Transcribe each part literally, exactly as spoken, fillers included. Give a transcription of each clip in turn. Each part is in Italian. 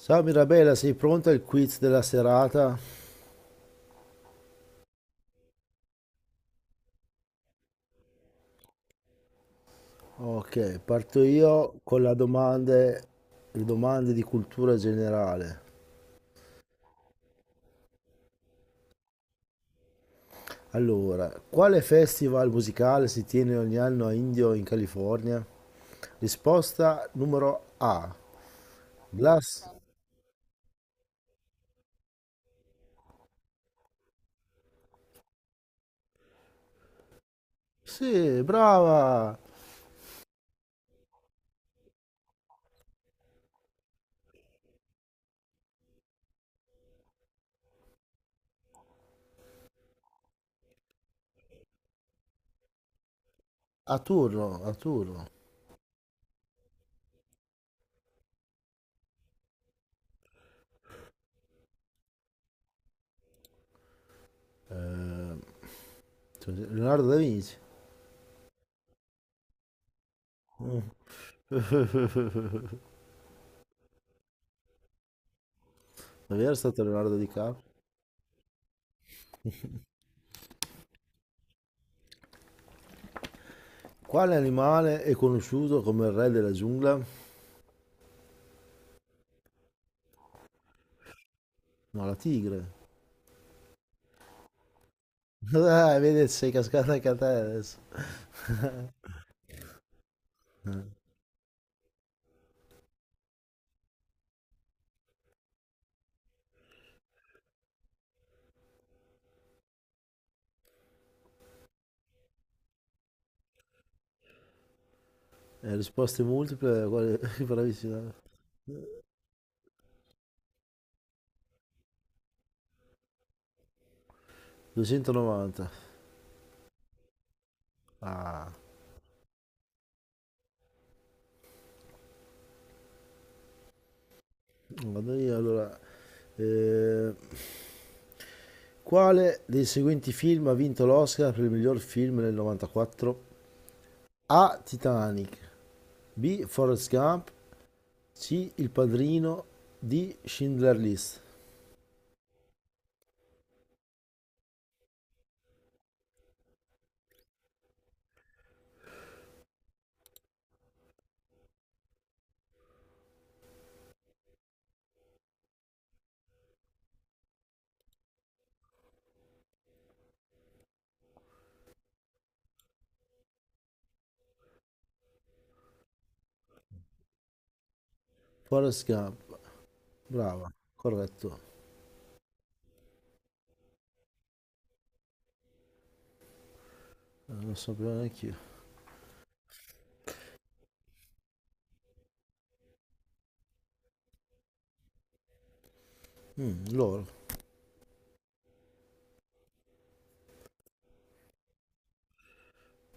Ciao Mirabella, sei pronta al quiz della serata? Ok, parto io con la domande, le domande di cultura generale. Allora, quale festival musicale si tiene ogni anno a Indio in California? Risposta numero A. Glass. Sì, brava! A turno, a turno. Eh, Leonardo da Vinci. Non era stato Leonardo DiCaprio? Quale animale è conosciuto come il re della giungla? No, la tigre. Ah, vedi, sei cascato anche a te adesso. Eh, risposte multiple, quale- bravissima. duecentonovanta. Ah, vado io allora. Eh, quale dei seguenti film ha vinto l'Oscar per il miglior film nel novantaquattro? A. Titanic. B. Forrest Gump. C. Il Padrino. D. Schindler List. Forrest Gump. Brava, corretto. Eh, Non so più neanche io. Mm, loro.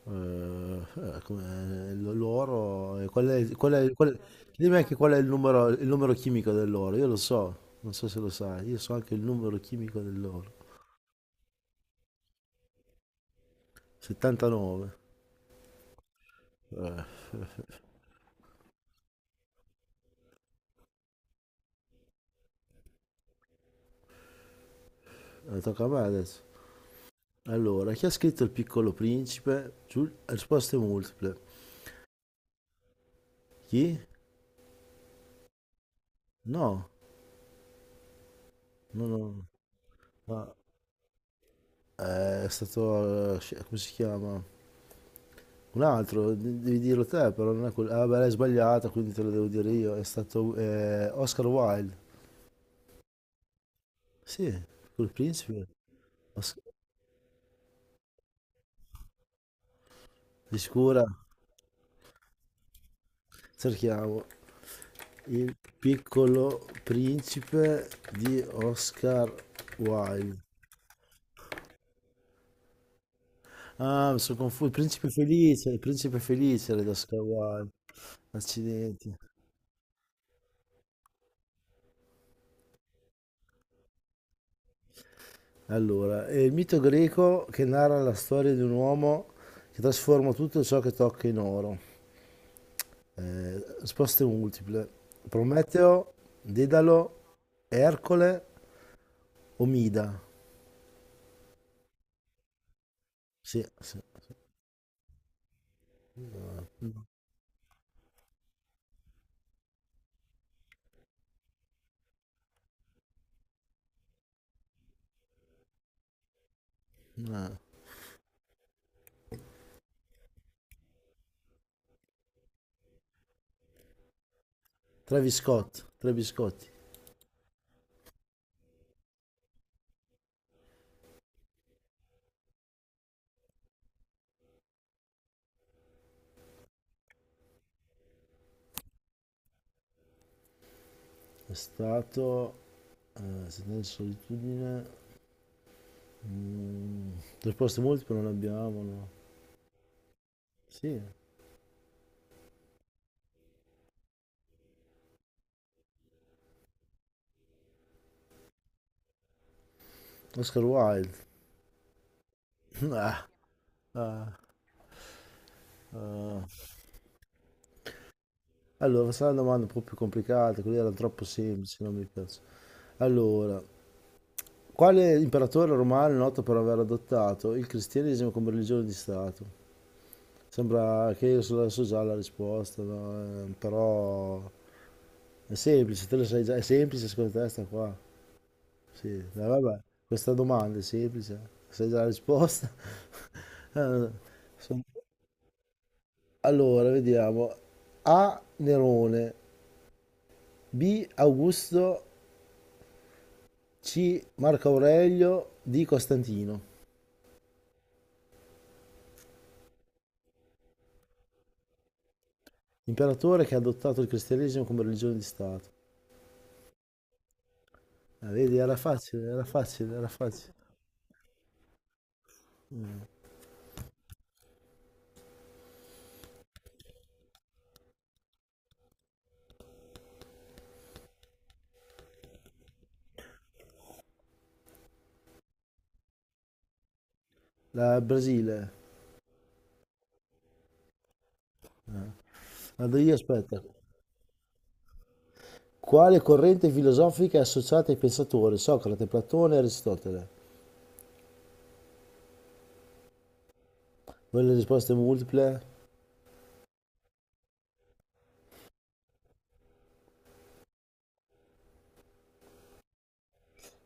Ehm, eh, come l l'oro e qual è qual è qual è- dimmi anche qual è il numero il numero chimico dell'oro, io lo so, non so se lo sai, io so anche il numero chimico dell'oro. settantanove. Eh, eh, tocca a me adesso. Allora, chi ha scritto Il Piccolo Principe? Giul- risposte multiple. Chi? No, no, no, no. Eh, È stato, eh, sci- come si chiama? Un altro, de- devi dirlo te, però non è quello. Ah, beh, l'hai sbagliata, quindi te lo devo dire io. È stato eh, Oscar Wilde. Sì, col principe os- oscura, cerchiamo il piccolo principe di Oscar Wilde. Ah, mi sono confuso. Il principe felice, il principe felice era di Oscar Wilde. Accidenti. Allora, è il mito greco che narra la storia di un uomo che trasforma tutto ciò che tocca in oro. Eh, risposte multiple. Prometeo, Dedalo, Ercole, Omida. Sì, sì. Ah, Travis Scott, Travis Scott è stato eh, Sentenza di solitudine. mm, Risposte multiple non abbiamo, no. Sì, Oscar Wilde. Ah, ah, ah. Allora sarà una domanda un po' più complicata, quella era troppo semplice, non mi piace. Allora, quale imperatore romano è noto per aver adottato il cristianesimo come religione di stato? Sembra che io so, so già la risposta, no? Eh, però è semplice, te lo sai già, è semplice secondo te sta qua. Sì, eh, vabbè, questa domanda è semplice, sai già la risposta. Eh, son- Allora, vediamo. A. Nerone, B. Augusto, C. Marco Aurelio, D. Costantino. Imperatore che ha adottato il cristianesimo come religione di Stato. Ah, vedi, era facile, era facile, era facile. La Brasile. Andria, aspetta. Quale corrente filosofica è associata ai pensatori? Socrate, Platone e Aristotele. Voglio le risposte multiple?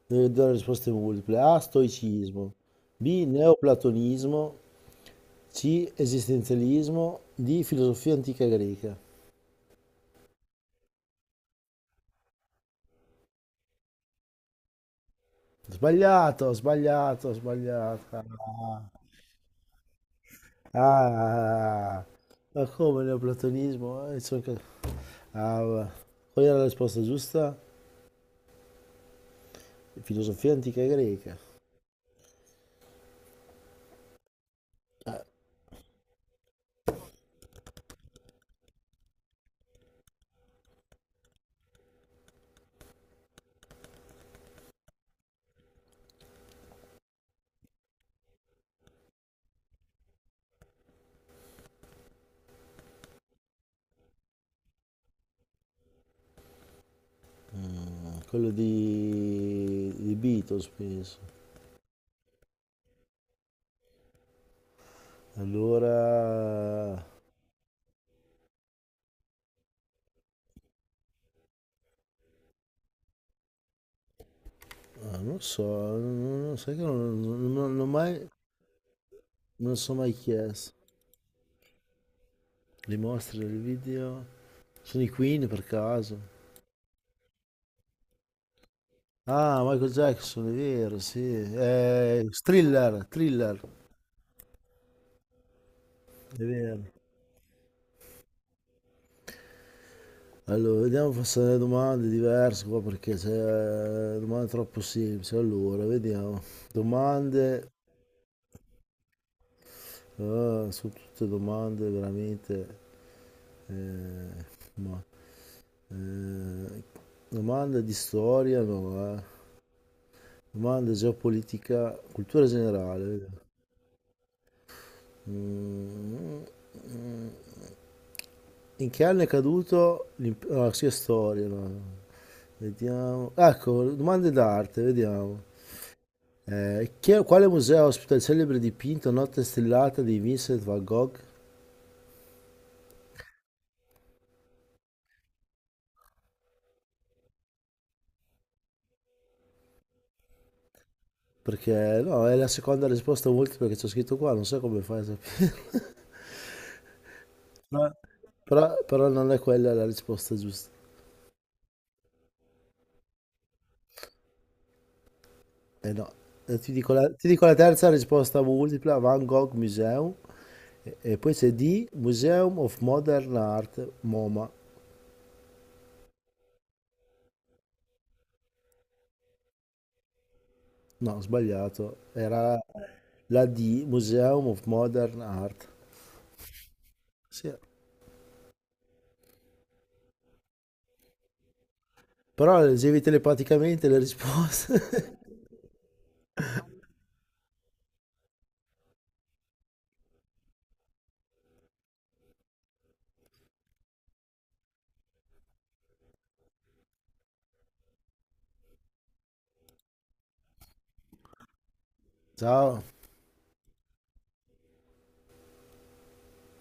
Devi dare le risposte multiple. A. Stoicismo. B. Neoplatonismo. C. Esistenzialismo. D. Filosofia antica greca. Sbagliato, sbagliato, sbagliato. Ah, ah. Ah. Ma come neoplatonismo? Eh, sono ca- Ah, va. Qual era la risposta giusta? Filosofia antica greca. Quello di, di Beatles, penso. Allora, ah, non so, non, non- sai che non, non- non- non ho mai, non lo sono mai chiesto. Le mostre, i video, sono i Queen per caso. Ah, Michael Jackson, è vero, sì. Eh, thriller, thriller, è vero. Allora, vediamo se le domande diverse qua perché se eh, domande troppo semplici. Allora, vediamo. Domande. Ah, sono tutte domande veramente... eh, ma, eh, domande di storia, no, eh. Domande geopolitica, cultura generale. Vediamo. Mm, mm. In che anno è caduto l'impero... Ah, sì, è storia, no, no. Vediamo. Ecco, domande d'arte, vediamo. Eh, chi- quale museo ospita il celebre dipinto Notte stellata di Vincent van Gogh? Perché no, è la seconda risposta multipla che c'è scritto qua, non so come fai a sapere. però, però non è quella la risposta giusta. Eh no, Eh, ti dico la, ti dico la terza risposta multipla, Van Gogh Museum, e, e poi c'è D, Museum of Modern Art, MoMA. No, ho sbagliato, era la D, Museum of Modern Art. Sì, però leggevi telepaticamente le risposte. Ciao.